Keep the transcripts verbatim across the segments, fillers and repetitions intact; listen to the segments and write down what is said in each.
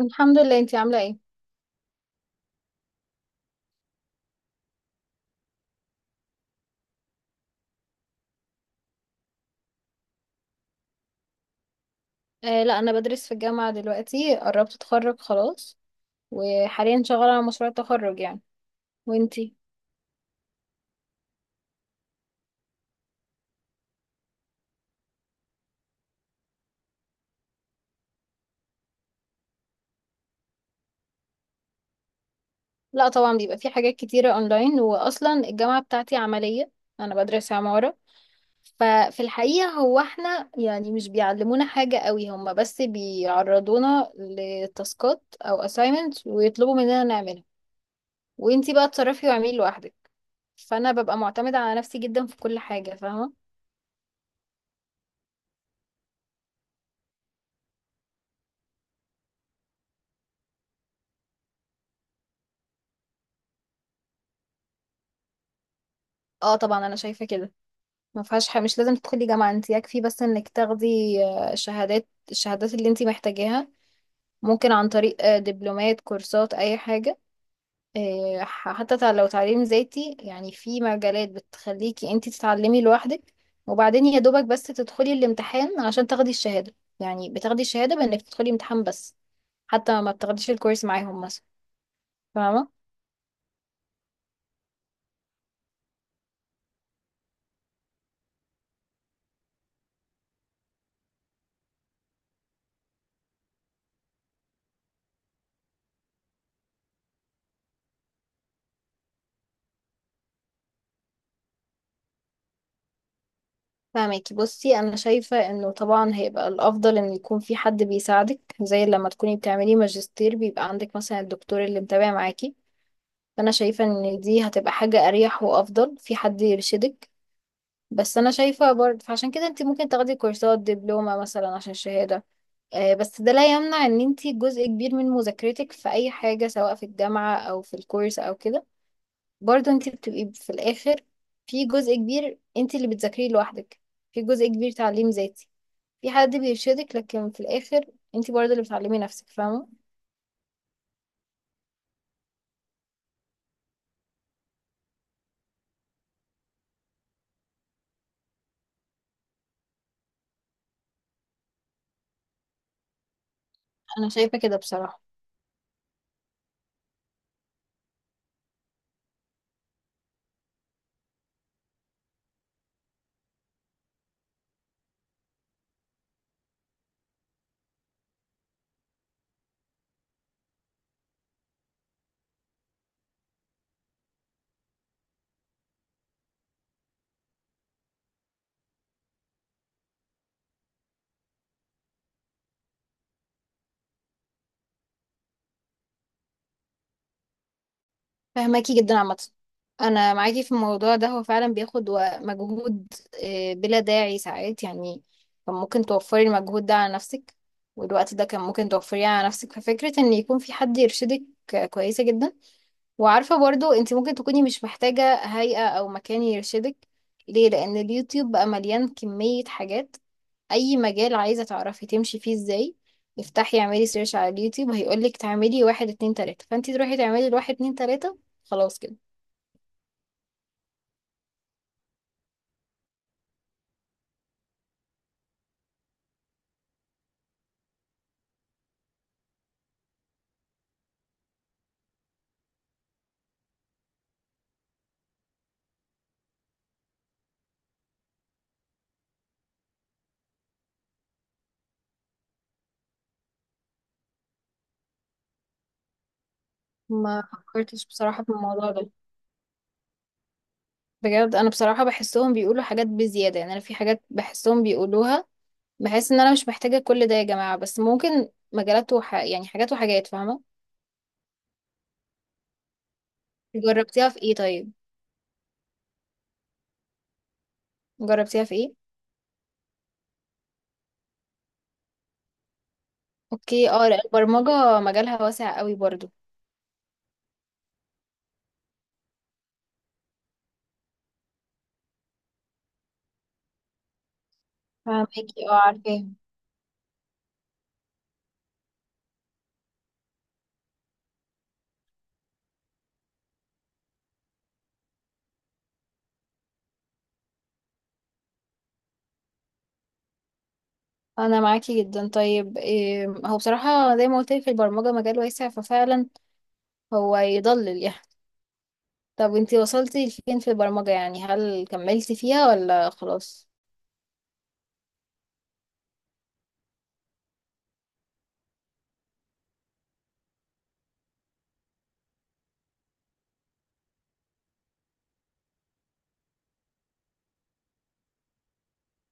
الحمد لله. انتي عاملة ايه؟ آه لا، انا بدرس في الجامعة دلوقتي، قربت اتخرج خلاص، وحاليا شغالة على مشروع التخرج يعني. وانتي؟ لا طبعا، بيبقى في حاجات كتيرة اونلاين، واصلا الجامعة بتاعتي عملية. انا بدرس عمارة، ففي الحقيقة هو احنا يعني مش بيعلمونا حاجة قوي، هما بس بيعرضونا لتاسكات او assignments ويطلبوا مننا نعملها، وانتي بقى تصرفي واعملي لوحدك. فانا ببقى معتمدة على نفسي جدا في كل حاجة، فاهمة؟ اه طبعا انا شايفة كده، ما فيهاش حاجة. مش لازم تدخلي جامعة انت، يكفي بس انك تاخدي آه، شهادات الشهادات اللي انت محتاجاها. ممكن عن طريق آه، دبلومات، كورسات، اي حاجة. آه، ح- حتى تع- لو تعليم ذاتي يعني، في مجالات بتخليكي انت تتعلمي لوحدك، وبعدين يا دوبك بس تدخلي الامتحان عشان تاخدي الشهادة. يعني بتاخدي الشهادة بانك تدخلي امتحان بس، حتى ما بتاخديش الكورس معاهم مثلا. فاهمة؟ فاهمك. بصي انا شايفه انه طبعا هيبقى الافضل ان يكون في حد بيساعدك، زي لما تكوني بتعملي ماجستير بيبقى عندك مثلا الدكتور اللي متابع معاكي. فانا شايفه ان دي هتبقى حاجه اريح وافضل، في حد يرشدك. بس انا شايفه برضه، فعشان كده انت ممكن تاخدي كورسات، دبلومه مثلا، عشان الشهاده. آه، بس ده لا يمنع ان انت جزء كبير من مذاكرتك في اي حاجه، سواء في الجامعه او في الكورس او كده، برضه انت بتبقي في الاخر في جزء كبير انت اللي بتذاكريه لوحدك. في جزء كبير تعليم ذاتي، في حد بيرشدك، لكن في الآخر انتي برضه اللي بتعلمي نفسك، فاهمة؟ أنا شايفة كده بصراحة. فاهماكي جدا. عامة أنا معاكي في الموضوع ده، هو فعلا بياخد و- مجهود آه، بلا داعي ساعات يعني. كان ممكن توفري المجهود ده على نفسك، والوقت ده كان ممكن توفريه على نفسك، ففكرة إن يكون في حد يرشدك آه، كويسة جدا. وعارفة برضه انتي ممكن تكوني مش محتاجة هيئة أو مكان يرشدك. ليه؟ لأن اليوتيوب بقى مليان كمية حاجات. اي مجال عايزة تعرفي تمشي فيه ازاي، افتحي اعملي سيرش على اليوتيوب، هيقولك تعملي واحد اتنين تلاتة، فانتي تروحي تعملي الواحد اتنين تلاتة، خلاص كده. ما فكرتش بصراحة في الموضوع ده. بجد انا بصراحة بحسهم بيقولوا حاجات بزيادة، يعني انا في حاجات بحسهم بيقولوها بحس ان انا مش محتاجة كل ده يا جماعة، بس ممكن مجالات وح... يعني حاجات وحاجات، فاهمة؟ جربتيها في ايه طيب؟ جربتيها في ايه؟ اوكي. اه لا البرمجة مجالها واسع قوي برضو. فاهمكي. اه عارفاه. انا معاكي جدا. طيب إيه، هو بصراحة زي ما قلت لك في البرمجة مجال واسع، ففعلا هو يضلل يعني. طب انتي وصلتي لفين في البرمجة يعني؟ هل كملتي فيها ولا خلاص؟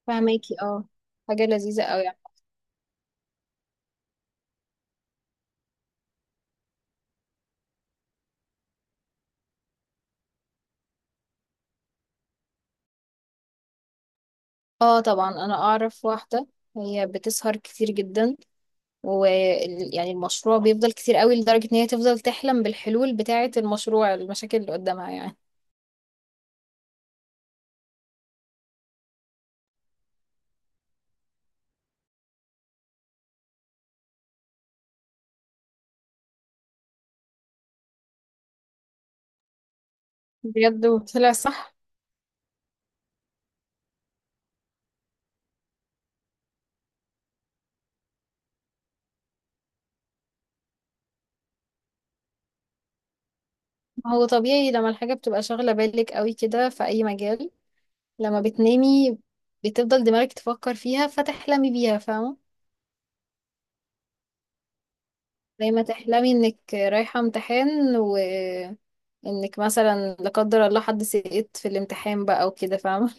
فهماكي. اه حاجة لذيذة قوي يعني. اه طبعا. انا اعرف واحدة هي بتسهر كتير جدا، ويعني المشروع بيفضل كتير قوي لدرجة ان هي تفضل تحلم بالحلول بتاعة المشروع، المشاكل اللي قدامها يعني. بجد؟ وطلع صح؟ ما هو طبيعي لما الحاجة بتبقى شاغلة بالك قوي كده في اي مجال، لما بتنامي بتفضل دماغك تفكر فيها فتحلمي بيها، فاهمة؟ زي ما تحلمي انك رايحة امتحان، وانك مثلا لا قدر الله حد سقط في الامتحان بقى وكده، فاهمة؟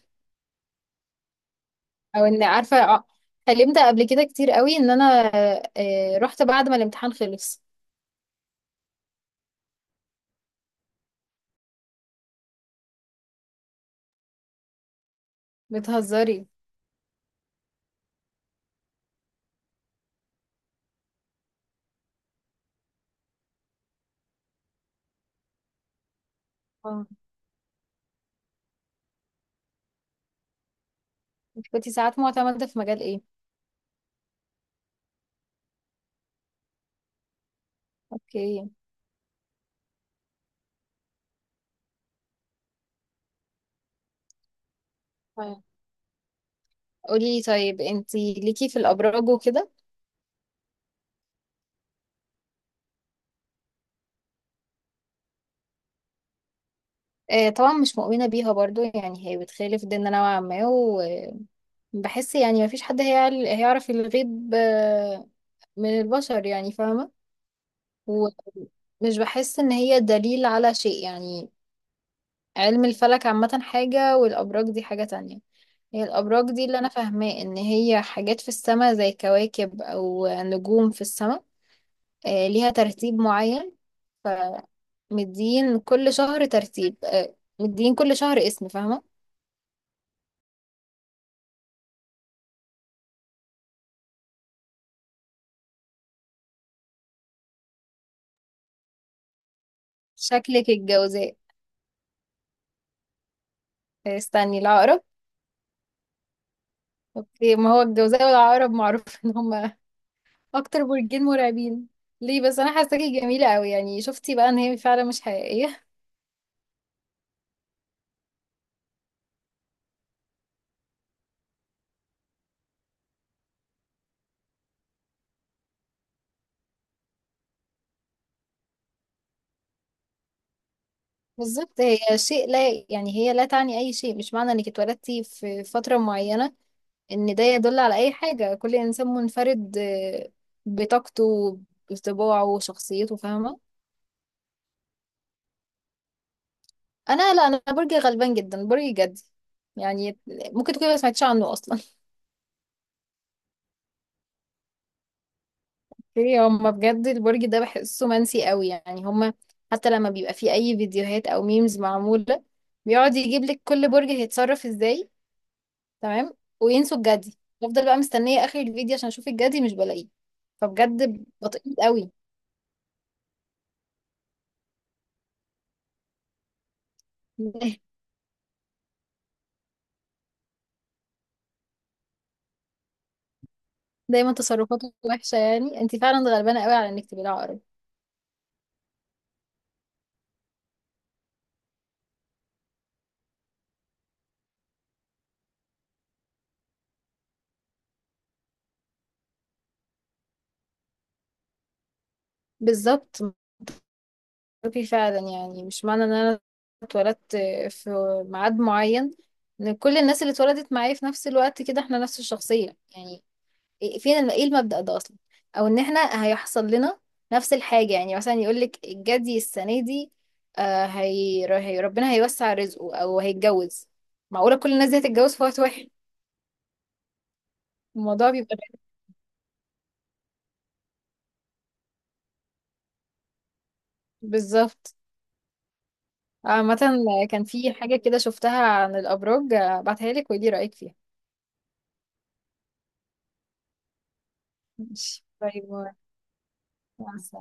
او ان عارفة ع- حلمت قبل كده كتير قوي ان انا آه، رحت بعد ما الامتحان خلص. بتهزري؟ اه. انت كنتي ساعات معتمدة في مجال ايه؟ اوكي. طيب قولي، طيب انتي ليكي في الابراج وكده؟ آه، طبعا مش مؤمنة بيها برضو، يعني هي بتخالف ديننا نوعا ما. بحس يعني مفيش حد هيعل- هيعرف الغيب آه، من البشر يعني، فاهمة؟ ومش بحس ان هي دليل على شيء يعني. علم الفلك عامة حاجة والأبراج دي حاجة تانية. هي الأبراج دي اللي أنا فاهماه إن هي حاجات في السماء، زي كواكب أو نجوم في السماء، آه، ليها ترتيب معين. فمدين كل شهر ترتيب، آه، مدين كل شهر اسم، فاهمة؟ شكلك الجوزاء. آه، استني، العقرب؟ اوكي، ما هو الجوزاء والعقرب معروف ان هم اكتر برجين مرعبين. ليه بس، انا حاساكي جميله قوي يعني، شفتي بقى ان هي فعلا مش حقيقيه؟ بالظبط، هي شيء لا يعني، هي لا تعني اي شيء. مش معنى انك اتولدتي في فتره معينه ان ده يدل على اي حاجه. كل انسان منفرد آه، بطاقته، بطباعه وشخصيته، فاهمه؟ انا؟ لا، انا برجي غلبان جدا، برجي جدي. يعني ممكن تكوني ما سمعتيش عنه اصلا. ايه هما، بجد البرج ده بحسه منسي قوي يعني. هما حتى لما بيبقى فيه اي فيديوهات او ميمز معمولة، بيقعد يجيب لك كل برج هيتصرف ازاي، تمام، وينسوا الجدي. بفضل بقى مستنية اخر الفيديو عشان اشوف الجدي مش بلاقيه. فبجد بطيء قوي. دايما تصرفاته وحشة يعني. انت فعلا غلبانة قوي على انك تبقي العقرب. بالظبط، معروفي فعلا. يعني مش معنى ان انا اتولدت في ميعاد معين ان كل الناس اللي اتولدت معايا في نفس الوقت كده احنا نفس الشخصية يعني. إيه- فين الم... ايه المبدأ ده اصلا؟ او ان احنا هيحصل لنا نفس الحاجة. يعني مثلا يقولك الجدي السنة دي آه هي... هي ربنا هيوسع رزقه او هيتجوز. معقولة كل الناس دي هتتجوز في وقت واحد؟ الموضوع بيبقى غريب. بالظبط. عامة كان في حاجة كده شفتها عن الأبراج، آه، بعتها لك ودي رأيك فيها. ماشي، باي باي. مع السلامة.